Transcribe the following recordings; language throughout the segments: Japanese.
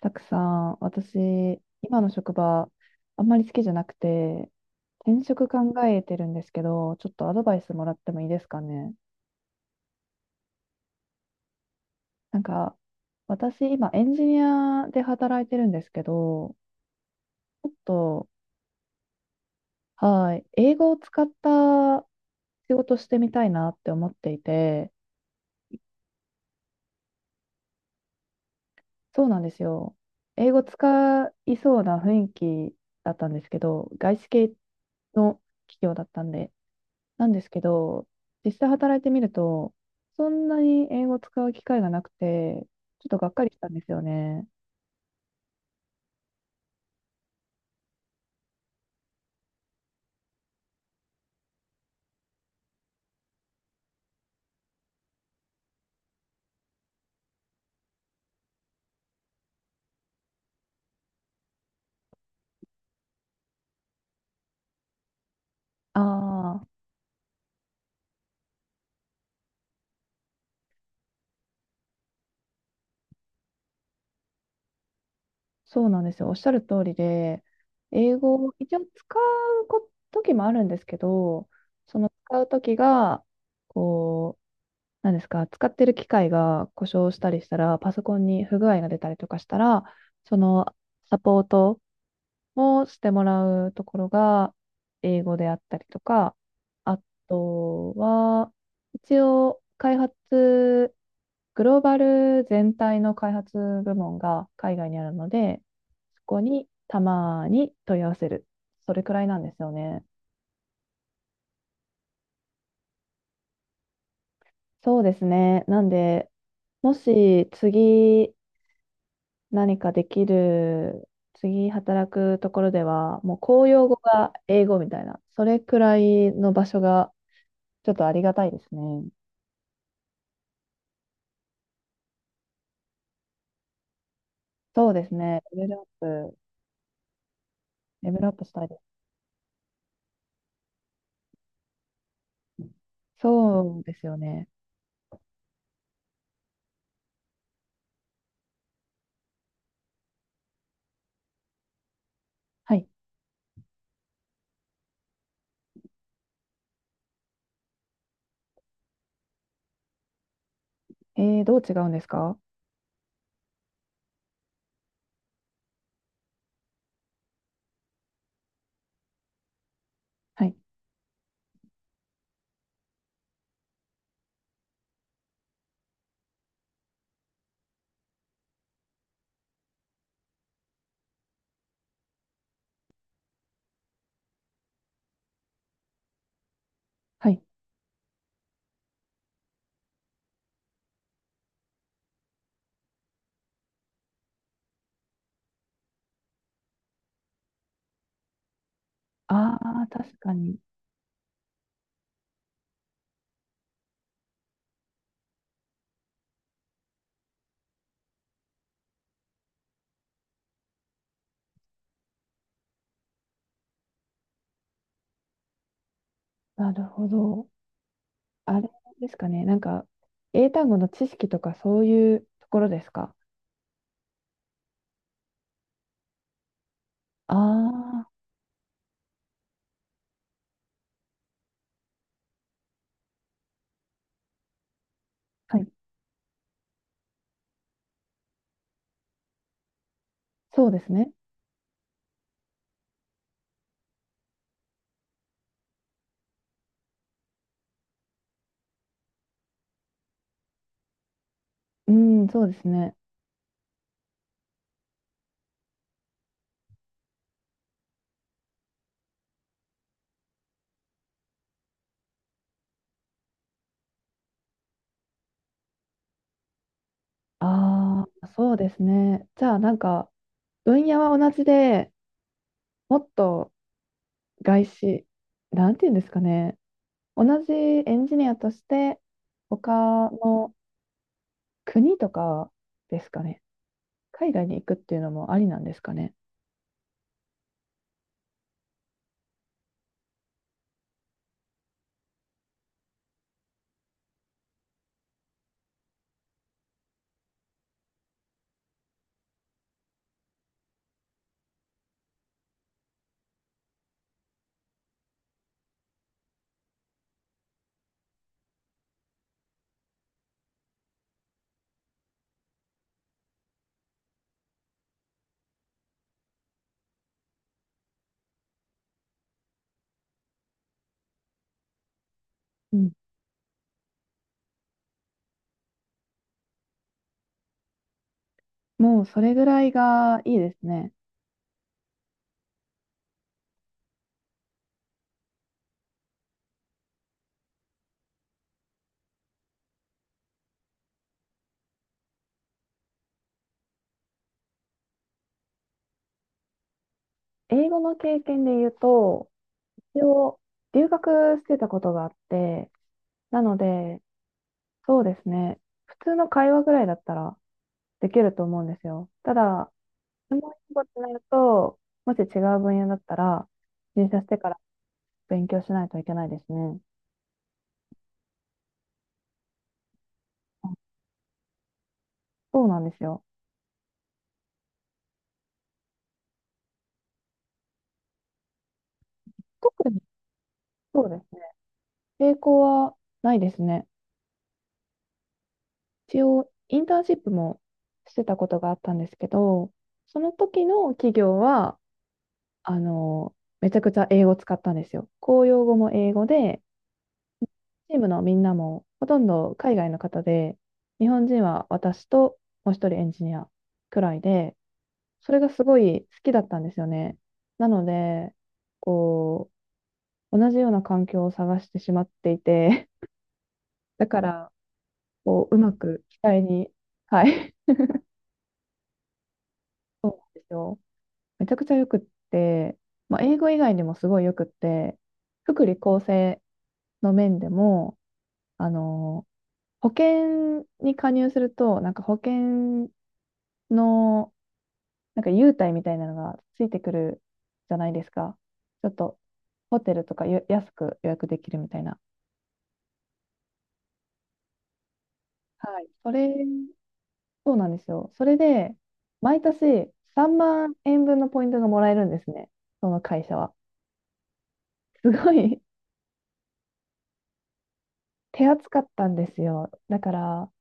たくさん、私、今の職場、あんまり好きじゃなくて、転職考えてるんですけど、ちょっとアドバイスもらってもいいですかね？なんか、私、今、エンジニアで働いてるんですけど、ちょっと、はい、英語を使った仕事してみたいなって思っていて、そうなんですよ。英語使いそうな雰囲気だったんですけど、外資系の企業だったんで、なんですけど、実際働いてみると、そんなに英語を使う機会がなくて、ちょっとがっかりしたんですよね。ああ、そうなんですよ。おっしゃる通りで、英語を一応使うこ時もあるんですけど、その使う時が、こう、なんですか、使ってる機械が故障したりしたら、パソコンに不具合が出たりとかしたら、そのサポートをしてもらうところが英語であったりとか、あとは、一応開発、グローバル全体の開発部門が海外にあるので、そこにたまに問い合わせる。それくらいなんですよね。そうですね。なんで、もし次何かできる、次働くところでは、もう公用語が英語みたいな、それくらいの場所がちょっとありがたいですね。そうですね。プ、レベルアップしたいです。そうですよね。はい。どう違うんですか？はい。はい。ああ、確かに。なるほど。あれですかね。なんか、英単語の知識とかそういうところですか？ああー、はい。そうですね。うん、そうですね。ああ、そうですね。じゃあ、なんか、分野は同じで、もっと外資、なんていうんですかね。同じエンジニアとして、他の国とかですかね？海外に行くっていうのもありなんですかね？うん。もうそれぐらいがいいですね。英語の経験で言うと、一応留学してたことがあって、なので、そうですね。普通の会話ぐらいだったらできると思うんですよ。ただ、専門用語ってなると、もし違う分野だったら、入社してから勉強しないといけないですね。あ、そうなんですよ。特にそうですね。抵抗はないですね。一応、インターンシップもしてたことがあったんですけど、その時の企業は、あの、めちゃくちゃ英語を使ったんですよ。公用語も英語で、チームのみんなもほとんど海外の方で、日本人は私ともう一人エンジニアくらいで、それがすごい好きだったんですよね。なので、こう、同じような環境を探してしまっていて、だから、こう、うまく機体に、はい、そうなんですよ。めちゃくちゃよくって、まあ、英語以外にもすごいよくって、福利厚生の面でも、あの、保険に加入すると、なんか保険の、なんか優待みたいなのがついてくるじゃないですか。ちょっと、ホテルとかよ安く予約できるみたいな。はい。それ、そうなんですよ。それで、毎年3万円分のポイントがもらえるんですね。その会社は。すごい 手厚かったんですよ。だから、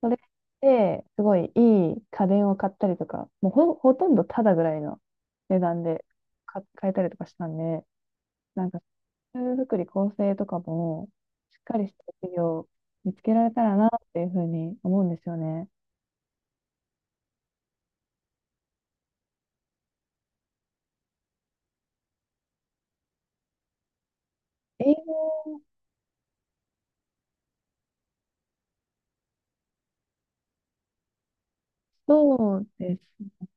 それで、すごいいい家電を買ったりとか、もうほとんどタダぐらいの値段で買えたりとかしたんで、なんか、ルール作り構成とかも、しっかりした企業を見つけられたらなっていうふうに思うんですよね。英語そうですね。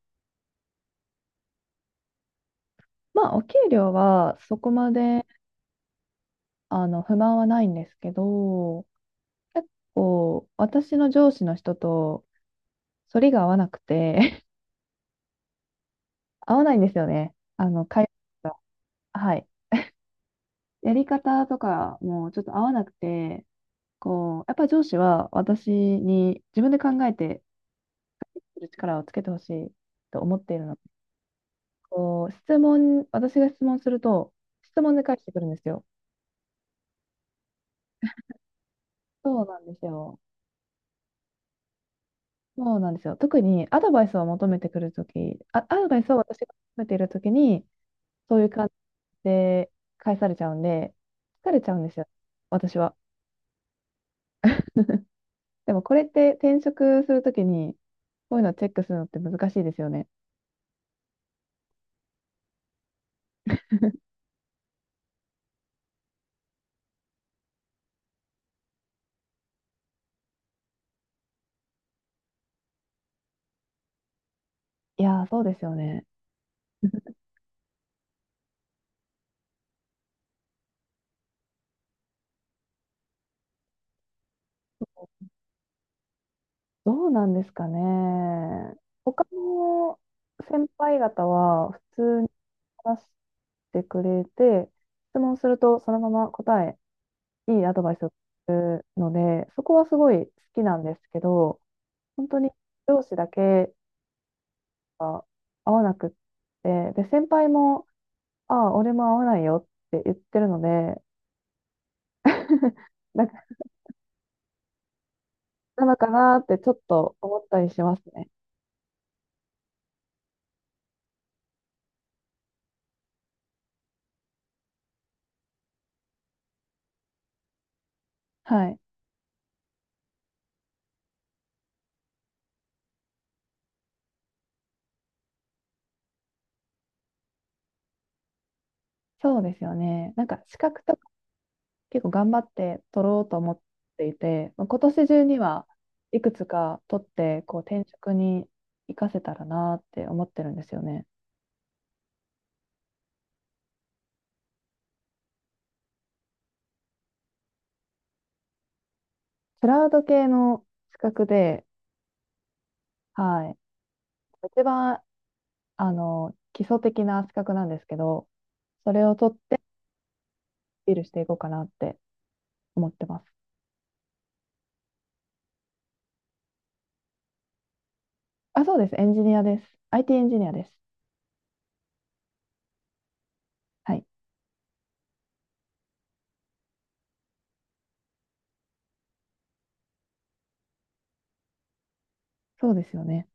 まあ、お給料はそこまで、あの、不満はないんですけど、結構、私の上司の人と、反りが合わないんですよね。あの、会話が。はい。やり方とかもちょっと合わなくて、こう、やっぱり上司は私に自分で考えてする力をつけてほしいと思っているので、こう、質問、私が質問すると、質問で返してくるんですよ。そうなんですよ。そうなんですよ。特にアドバイスを求めてくるとき、あ、アドバイスを私が求めているときに、そういう感じで返されちゃうんで、疲れちゃうんですよ、私は。でもこれって転職するときに、こういうのをチェックするのって難しいですよね。いやー、そうですよね。どうなんですかね。他の先輩方は普通に話してくれて、質問するとそのまま答え、いいアドバイスをするので、そこはすごい好きなんですけど、本当に上司だけが合わなくって、で、先輩も、ああ、俺も合わないよって言ってるので、だなのかなってちょっと思ったりしますね。はい。そうですよね。なんか資格とか結構頑張って取ろうと思っていて、まあ今年中にはいくつか取ってこう転職に活かせたらなって思ってるんですよね。クラウド系の資格で、はい、一番あの基礎的な資格なんですけど、それを取ってアピールしていこうかなって思ってます。あ、そうです。エンジニアです。IT エンジニアです。はい、そうですよね。